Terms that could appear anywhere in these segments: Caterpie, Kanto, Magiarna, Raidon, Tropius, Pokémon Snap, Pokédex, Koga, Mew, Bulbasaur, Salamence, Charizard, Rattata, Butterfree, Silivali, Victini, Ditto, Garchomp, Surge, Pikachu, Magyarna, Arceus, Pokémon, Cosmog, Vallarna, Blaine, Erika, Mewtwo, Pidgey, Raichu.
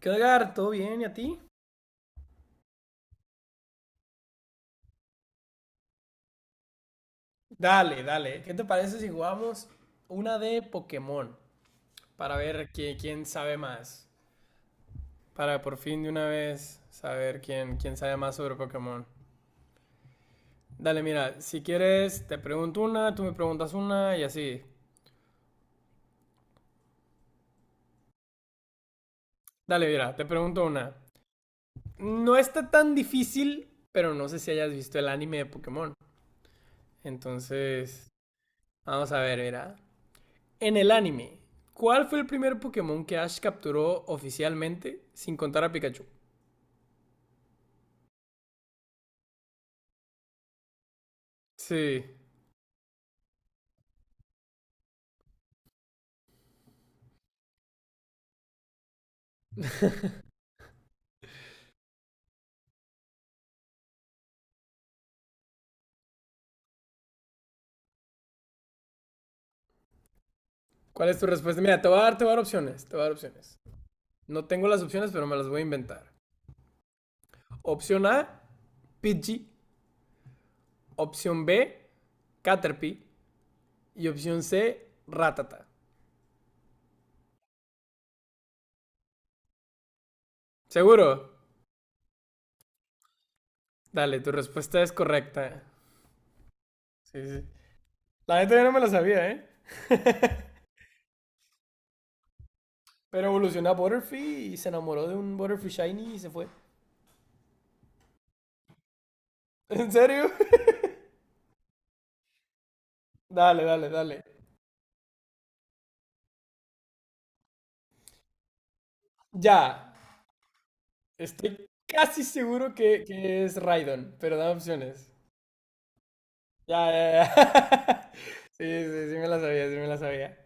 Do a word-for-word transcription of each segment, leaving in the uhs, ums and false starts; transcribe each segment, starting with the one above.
¿Qué onda, Edgar? ¿Todo bien? ¿Y a ti? Dale, dale. ¿Qué te parece si jugamos una de Pokémon? Para ver qui- quién sabe más. Para por fin de una vez saber quién, quién sabe más sobre Pokémon. Dale, mira, si quieres te pregunto una, tú me preguntas una y así. Dale, mira, te pregunto una. No está tan difícil, pero no sé si hayas visto el anime de Pokémon. Entonces, vamos a ver, mira. En el anime, ¿cuál fue el primer Pokémon que Ash capturó oficialmente sin contar a Pikachu? Sí. ¿Cuál es tu respuesta? Mira, te voy a dar, te voy a dar opciones. Te voy a dar opciones. No tengo las opciones, pero me las voy a inventar. Opción A, Pidgey. Opción B, Caterpie. Y opción C, Rattata. ¿Seguro? Dale, tu respuesta es correcta. Sí, sí. La neta yo no me la sabía, ¿eh? Pero evolucionó a Butterfree y se enamoró de un Butterfree Shiny y se fue. ¿En serio? Dale, dale, dale. Ya, estoy casi seguro que, que es Raidon, pero dame opciones. Ya, ya, ya. Sí, sí, sí me la sabía, sí me la sabía.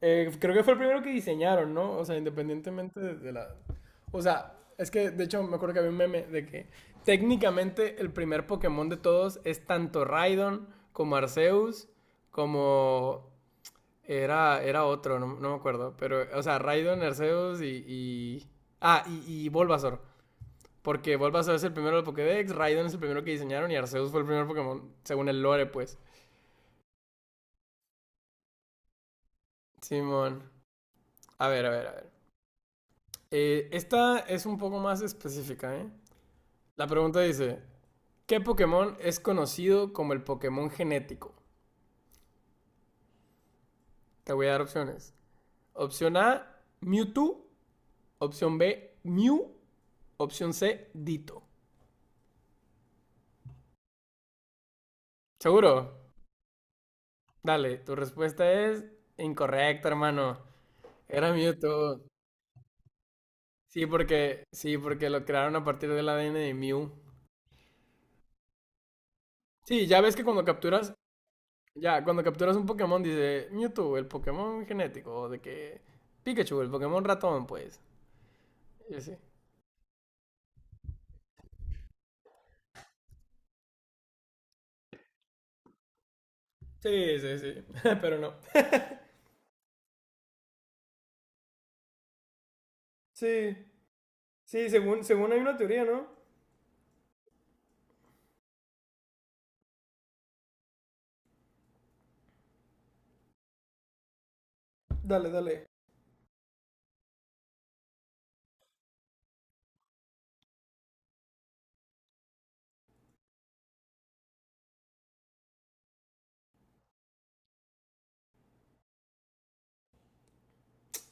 Eh, creo que fue el primero que diseñaron, ¿no? O sea, independientemente de, de la... O sea, es que de hecho me acuerdo que había un meme de que técnicamente el primer Pokémon de todos es tanto Raidon como Arceus, como... Era, era otro, no, no me acuerdo. Pero, o sea, Raidon, Arceus y... y... Ah, y, y Bulbasaur. Porque Bulbasaur es el primero del Pokédex, Raidon es el primero que diseñaron y Arceus fue el primer Pokémon, según el lore, pues. Simón. A ver, a ver, a ver. Eh, esta es un poco más específica, ¿eh? La pregunta dice, ¿qué Pokémon es conocido como el Pokémon genético? Te voy a dar opciones. Opción A, Mewtwo. Opción B, Mew. Opción C, Ditto. ¿Seguro? Dale, tu respuesta es incorrecta, hermano. Era Mewtwo. Sí, porque, sí, porque lo crearon a partir del A D N de Mew. Sí, ya ves que cuando capturas, ya, cuando capturas un Pokémon dice Mewtwo, el Pokémon genético, o de que Pikachu, el Pokémon ratón, pues. Y así. Sí, sí, sí, pero no. Sí, sí, según, según hay una teoría, ¿no? Dale, dale.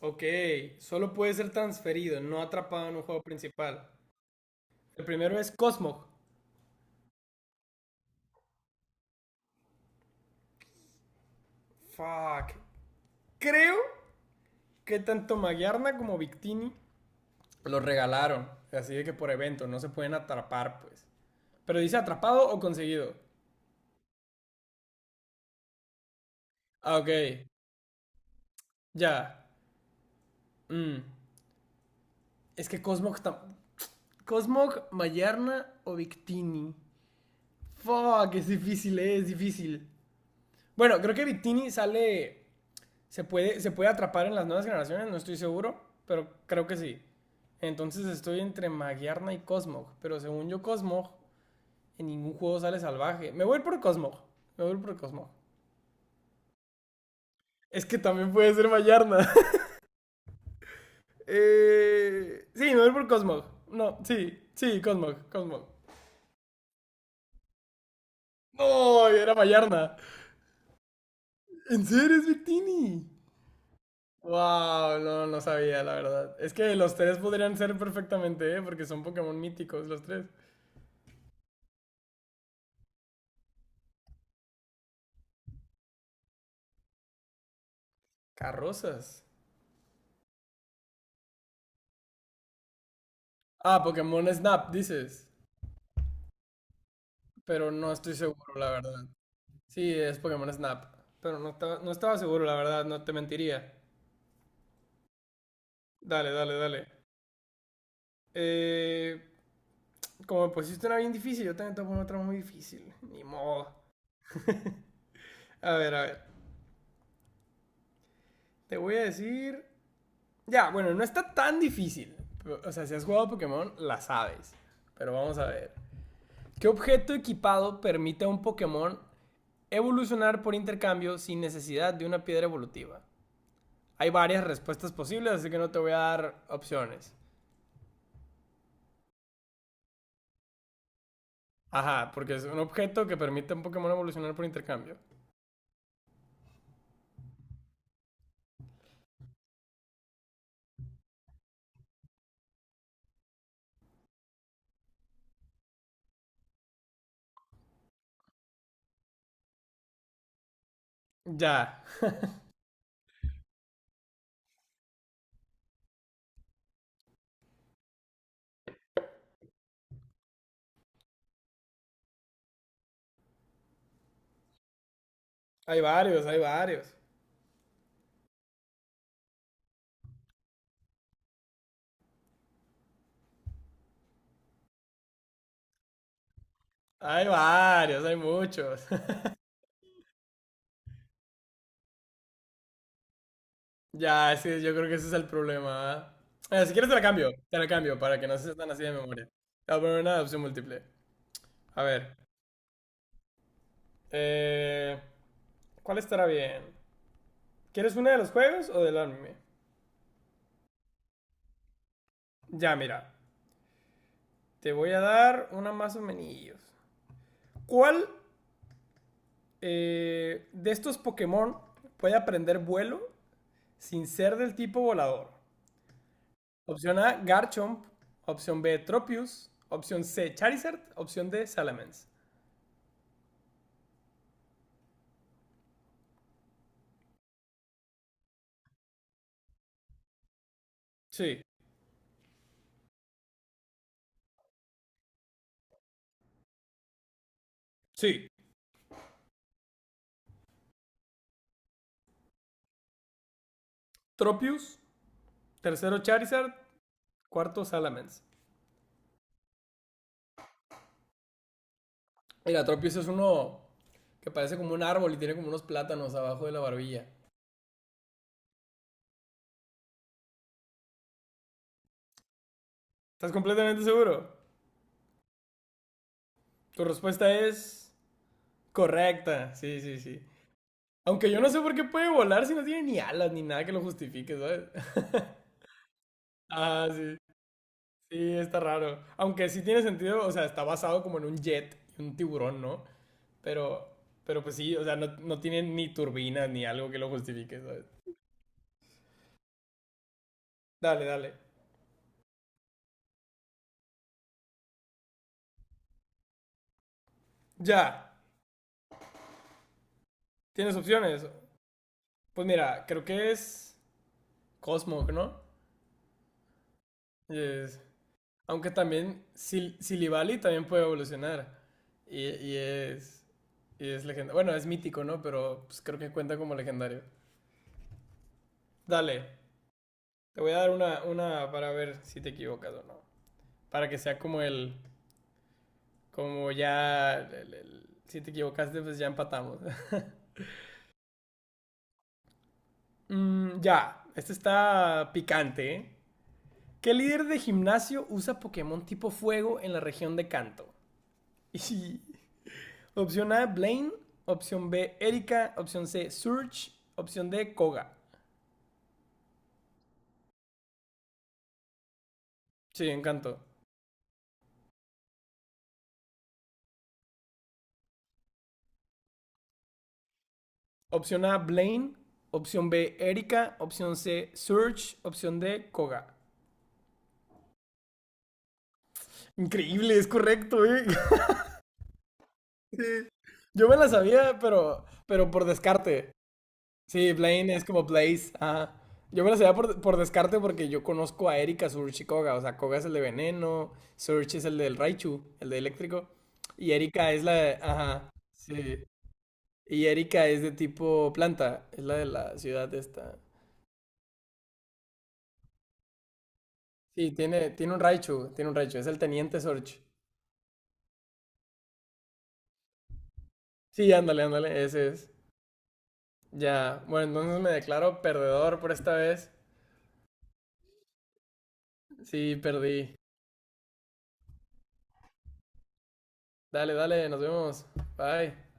Ok, solo puede ser transferido, no atrapado en un juego principal. El primero es Cosmog. Fuck. Creo que tanto Magiarna como Victini los regalaron. Así de que por evento, no se pueden atrapar, pues. Pero dice atrapado o conseguido. Ah, ok. Ya. Mm. Es que Cosmog está. Cosmog, Mayarna o Victini. Fuck, es difícil, eh, es difícil. Bueno, creo que Victini sale. Se puede, se puede atrapar en las nuevas generaciones, no estoy seguro, pero creo que sí. Entonces estoy entre Magyarna y Cosmog. Pero según yo, Cosmog, en ningún juego sale salvaje. Me voy por Cosmog. Me voy por Cosmog. Es que también puede ser Vallarna. eh... Sí, me voy por Cosmog. No, sí, sí, Cosmog, Cosmog. No, era Vallarna. ¿En serio es Victini? Wow, no, no sabía, la verdad. Es que los tres podrían ser perfectamente, ¿eh?, porque son Pokémon míticos los tres. Carrozas. Ah, Pokémon Snap, dices. Pero no estoy seguro, la verdad. Sí, es Pokémon Snap. Pero no estaba, no estaba seguro, la verdad, no te mentiría. Dale, dale, dale. Eh, Como me pusiste una bien difícil, yo también te voy a poner otra muy difícil. Ni modo. A ver, a ver. Te voy a decir. Ya, bueno, no está tan difícil. O sea, si has jugado Pokémon, la sabes. Pero vamos a ver. ¿Qué objeto equipado permite a un Pokémon evolucionar por intercambio sin necesidad de una piedra evolutiva? Hay varias respuestas posibles, así que no te voy a dar opciones. Ajá, porque es un objeto que permite a un Pokémon evolucionar por intercambio. Ya. Hay varios, hay varios. Hay varios, hay muchos. Ya, es que yo creo que ese es el problema. Ah, Eh, si quieres te la cambio, te la cambio para que no se tan así de memoria. Te voy a poner una opción múltiple. A ver, eh, ¿cuál estará bien? ¿Quieres una de los juegos o del anime? Ya, mira, te voy a dar una más o menos. ¿Cuál eh, de estos Pokémon puede aprender vuelo sin ser del tipo volador? Opción A, Garchomp. Opción B, Tropius. Opción C, Charizard. Opción D, Salamence. Sí, sí. Tropius. Tercero, Charizard. Cuarto, Salamence. Mira, Tropius es uno que parece como un árbol y tiene como unos plátanos abajo de la barbilla. ¿Estás completamente seguro? Tu respuesta es correcta. Sí, sí, sí. Aunque yo no sé por qué puede volar si no tiene ni alas ni nada que lo justifique, ¿sabes? Ah, sí. Sí, está raro. Aunque sí tiene sentido, o sea, está basado como en un jet y un tiburón, ¿no? Pero, pero pues sí, o sea, no, no tiene ni turbinas ni algo que lo justifique, ¿sabes? Dale, dale. Ya. ¿Tienes opciones? Pues mira, creo que es Cosmog, ¿no? Es- Aunque también Sil Silivali también puede evolucionar. Y, y es. Y es legendario. Bueno, es mítico, ¿no? Pero pues, creo que cuenta como legendario. Dale. Te voy a dar una, una para ver si te equivocas o no. Para que sea como el, como ya, el- el- si te equivocaste, pues ya empatamos. Mm, ya, este está picante, ¿eh? ¿Qué líder de gimnasio usa Pokémon tipo fuego en la región de Kanto? Opción A, Blaine. Opción B, Erika. Opción C, Surge. Opción D, Koga. Sí, en Kanto. Opción A, Blaine. Opción B, Erika. Opción C, Surge. Opción D, Koga. Increíble, es correcto, ¿eh? Sí. Yo me la sabía, pero, pero por descarte. Sí, Blaine es como Blaze. Ajá. Yo me la sabía por, por descarte porque yo conozco a Erika, Surge y Koga. O sea, Koga es el de Veneno, Surge es el del Raichu, el de Eléctrico. Y Erika es la... de... Ajá, sí. Y Erika es de tipo planta, es la de la ciudad esta. Sí, tiene, tiene un Raichu, tiene un Raichu. Es el Teniente Surge. Sí, ándale, ándale, ese es. Ya, bueno, entonces me declaro perdedor por esta vez. Sí, perdí. Dale, dale, nos vemos. Bye.